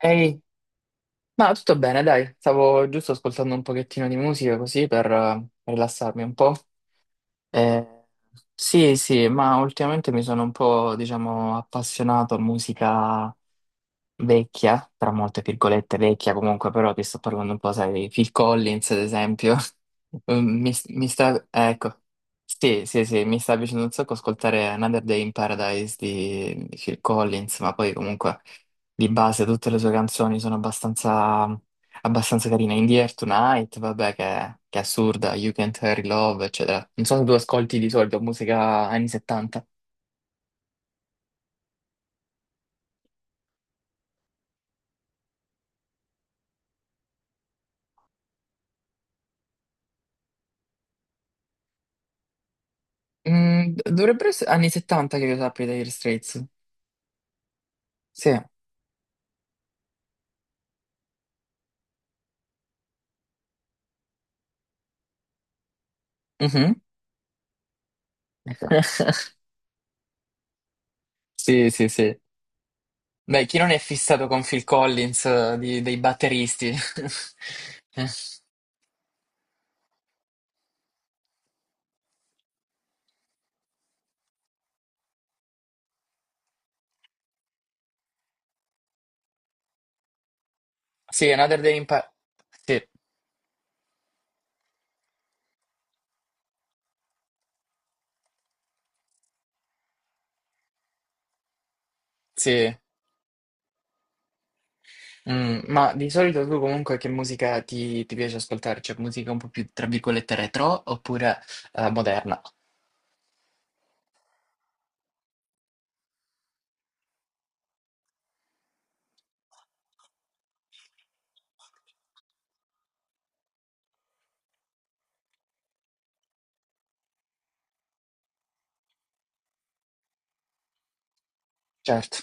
Ehi, ma tutto bene, dai, stavo giusto ascoltando un pochettino di musica così per rilassarmi un po'. Eh, sì, sì, ma ultimamente mi sono un po', diciamo, appassionato a musica vecchia, tra molte virgolette vecchia comunque, però ti sto parlando un po', sai, di Phil Collins ad esempio, Mi sta, ecco, sì, sì, sì, mi sta piacendo un sacco ascoltare Another Day in Paradise di Phil Collins, ma poi comunque di base tutte le sue canzoni sono abbastanza, abbastanza carine, In the Air Tonight, vabbè, che è assurda, You Can't Hurry Love, eccetera. Non so se tu ascolti di solito musica anni 70. Dovrebbero essere anni 70 che io sappia degli Straits. Sì. Mhm. Ecco. Sì, sì, sì. Beh, chi non è fissato con Phil Collins, dei batteristi? Eh, sì, Another Day in Pa- sì, sì. Ma di solito tu comunque che musica ti piace ascoltare? Cioè, musica un po' più, tra virgolette, retro oppure moderna? Certo.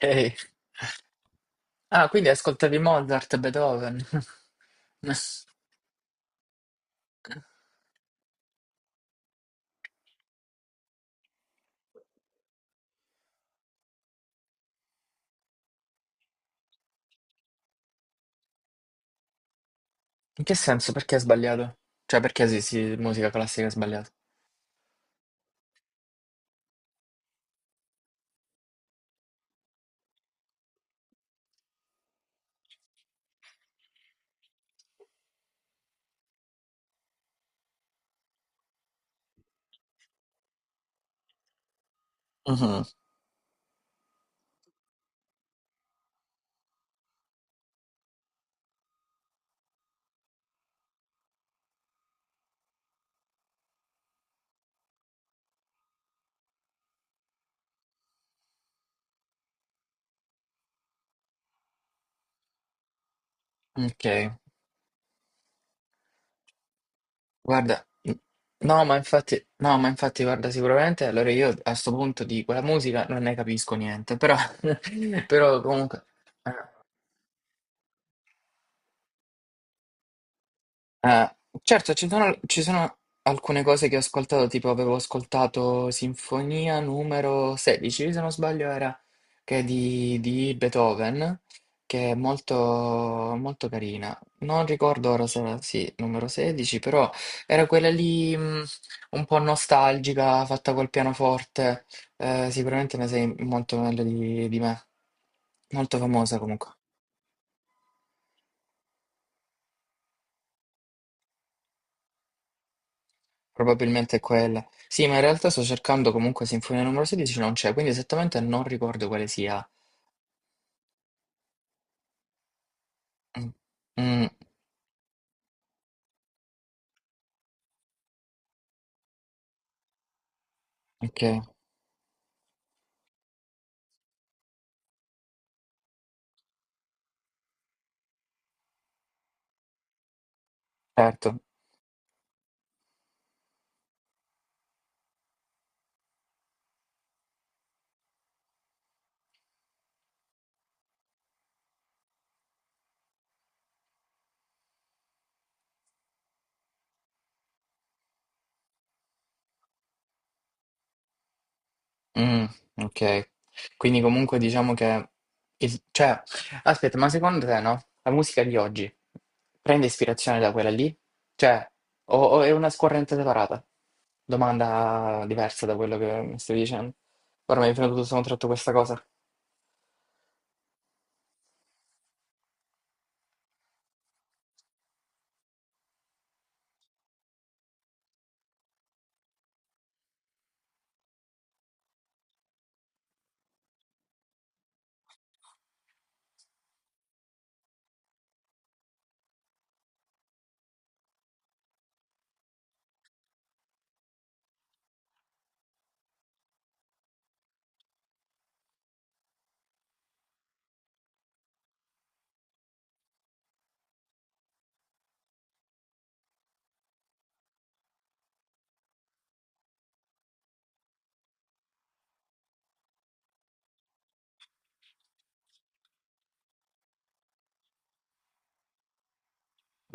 Ehi. Ah, quindi ascoltavi Mozart, Beethoven? In che senso? Perché è sbagliato? Cioè, perché sì, sì, musica classica è sbagliata? Mhm, ok, guarda, no, ma infatti, guarda, sicuramente, allora io a sto punto di quella musica non ne capisco niente, però, però comunque, eh, Eh, certo, ci sono alcune cose che ho ascoltato, tipo avevo ascoltato Sinfonia numero 16, se non sbaglio era, che è di Beethoven, che è molto, molto carina. Non ricordo ora se era, sì, numero 16, però era quella lì un po' nostalgica, fatta col pianoforte. Sicuramente ne sei molto meglio di me. Molto famosa comunque. Probabilmente è quella. Sì, ma in realtà sto cercando comunque Sinfonia numero 16, non c'è, quindi esattamente non ricordo quale sia. Mm, mm, ok, certo. Mm, ok. Quindi comunque diciamo che... cioè, aspetta, ma secondo te no? La musica di oggi prende ispirazione da quella lì? Cioè, o è una scorrente separata? Domanda diversa da quello che mi stavi dicendo. Ora mi è venuto tutto sottratto questa cosa.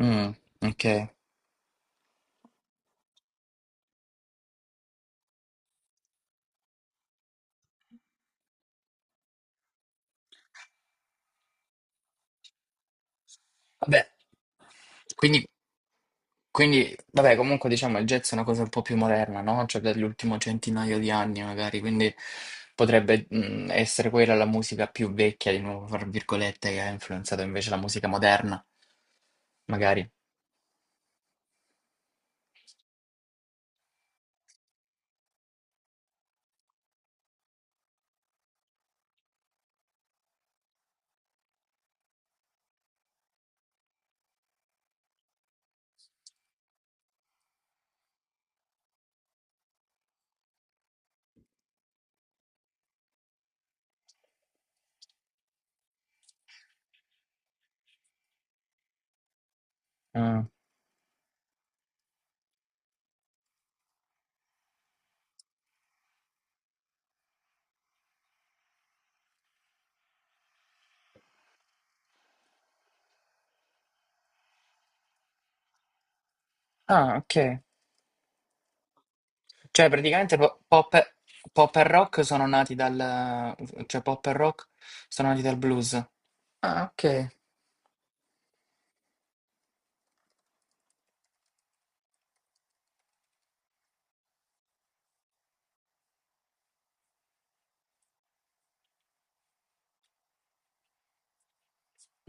Mm, ok. Vabbè. quindi Quindi, vabbè, comunque diciamo il jazz è una cosa un po' più moderna, no? Cioè dell'ultimo centinaio di anni magari, quindi potrebbe essere quella la musica più vecchia, di nuovo, fra virgolette, che ha influenzato invece la musica moderna, magari. Mm. Ah, ok. Cioè praticamente pop, pop e rock sono nati dal... cioè pop e rock sono nati dal blues. Ah, ok.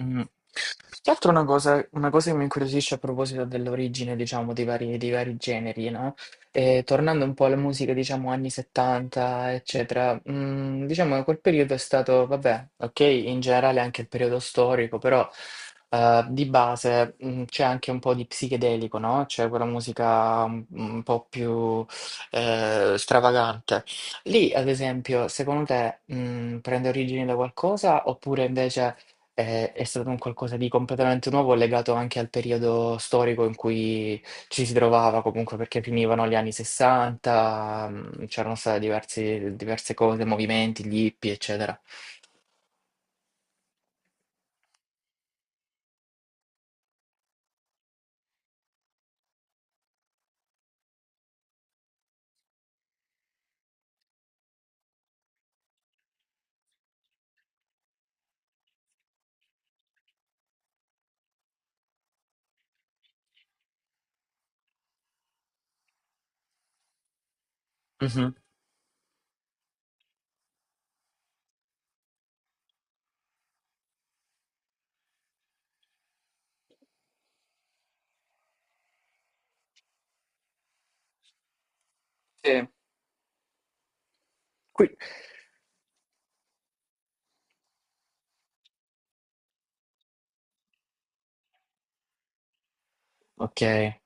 Mm. Più che altro una cosa che mi incuriosisce a proposito dell'origine, diciamo, dei vari generi, no? E tornando un po' alla musica, diciamo, anni 70, eccetera, diciamo che quel periodo è stato, vabbè, ok, in generale anche il periodo storico, però di base c'è anche un po' di psichedelico, no? C'è quella musica un po' più stravagante. Lì, ad esempio, secondo te, prende origine da qualcosa oppure invece è stato un qualcosa di completamente nuovo, legato anche al periodo storico in cui ci si trovava comunque, perché finivano gli anni 60, c'erano state diversi diverse cose, movimenti, gli hippie, eccetera. Mh-mh. Sì. Qui okay.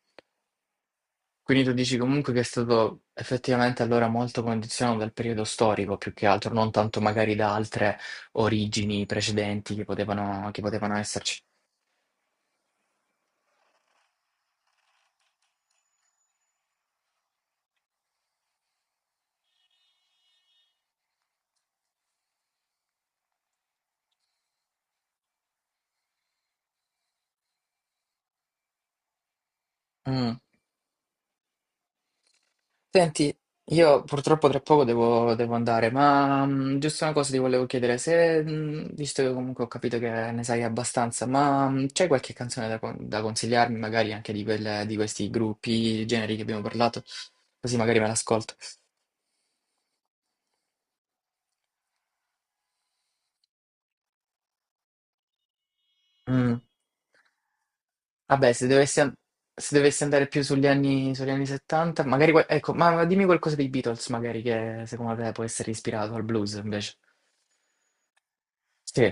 Quindi tu dici comunque che è stato effettivamente allora molto condizionato dal periodo storico, più che altro, non tanto magari da altre origini precedenti che potevano esserci. Mh. Senti, io purtroppo tra poco devo andare, ma giusto una cosa ti volevo chiedere, se, visto che comunque ho capito che ne sai abbastanza, ma c'è qualche canzone da, da consigliarmi, magari anche di questi gruppi, generi che abbiamo parlato, così magari me l'ascolto. Mm, vabbè, se dovessi andare più sugli anni, 70, magari, ecco, ma dimmi qualcosa dei Beatles, magari, che secondo te può essere ispirato al blues invece. Sì,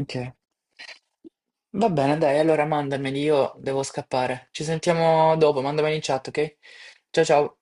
ok. Va bene, dai, allora mandameli, io devo scappare. Ci sentiamo dopo, mandameli in chat, ok? Ciao ciao.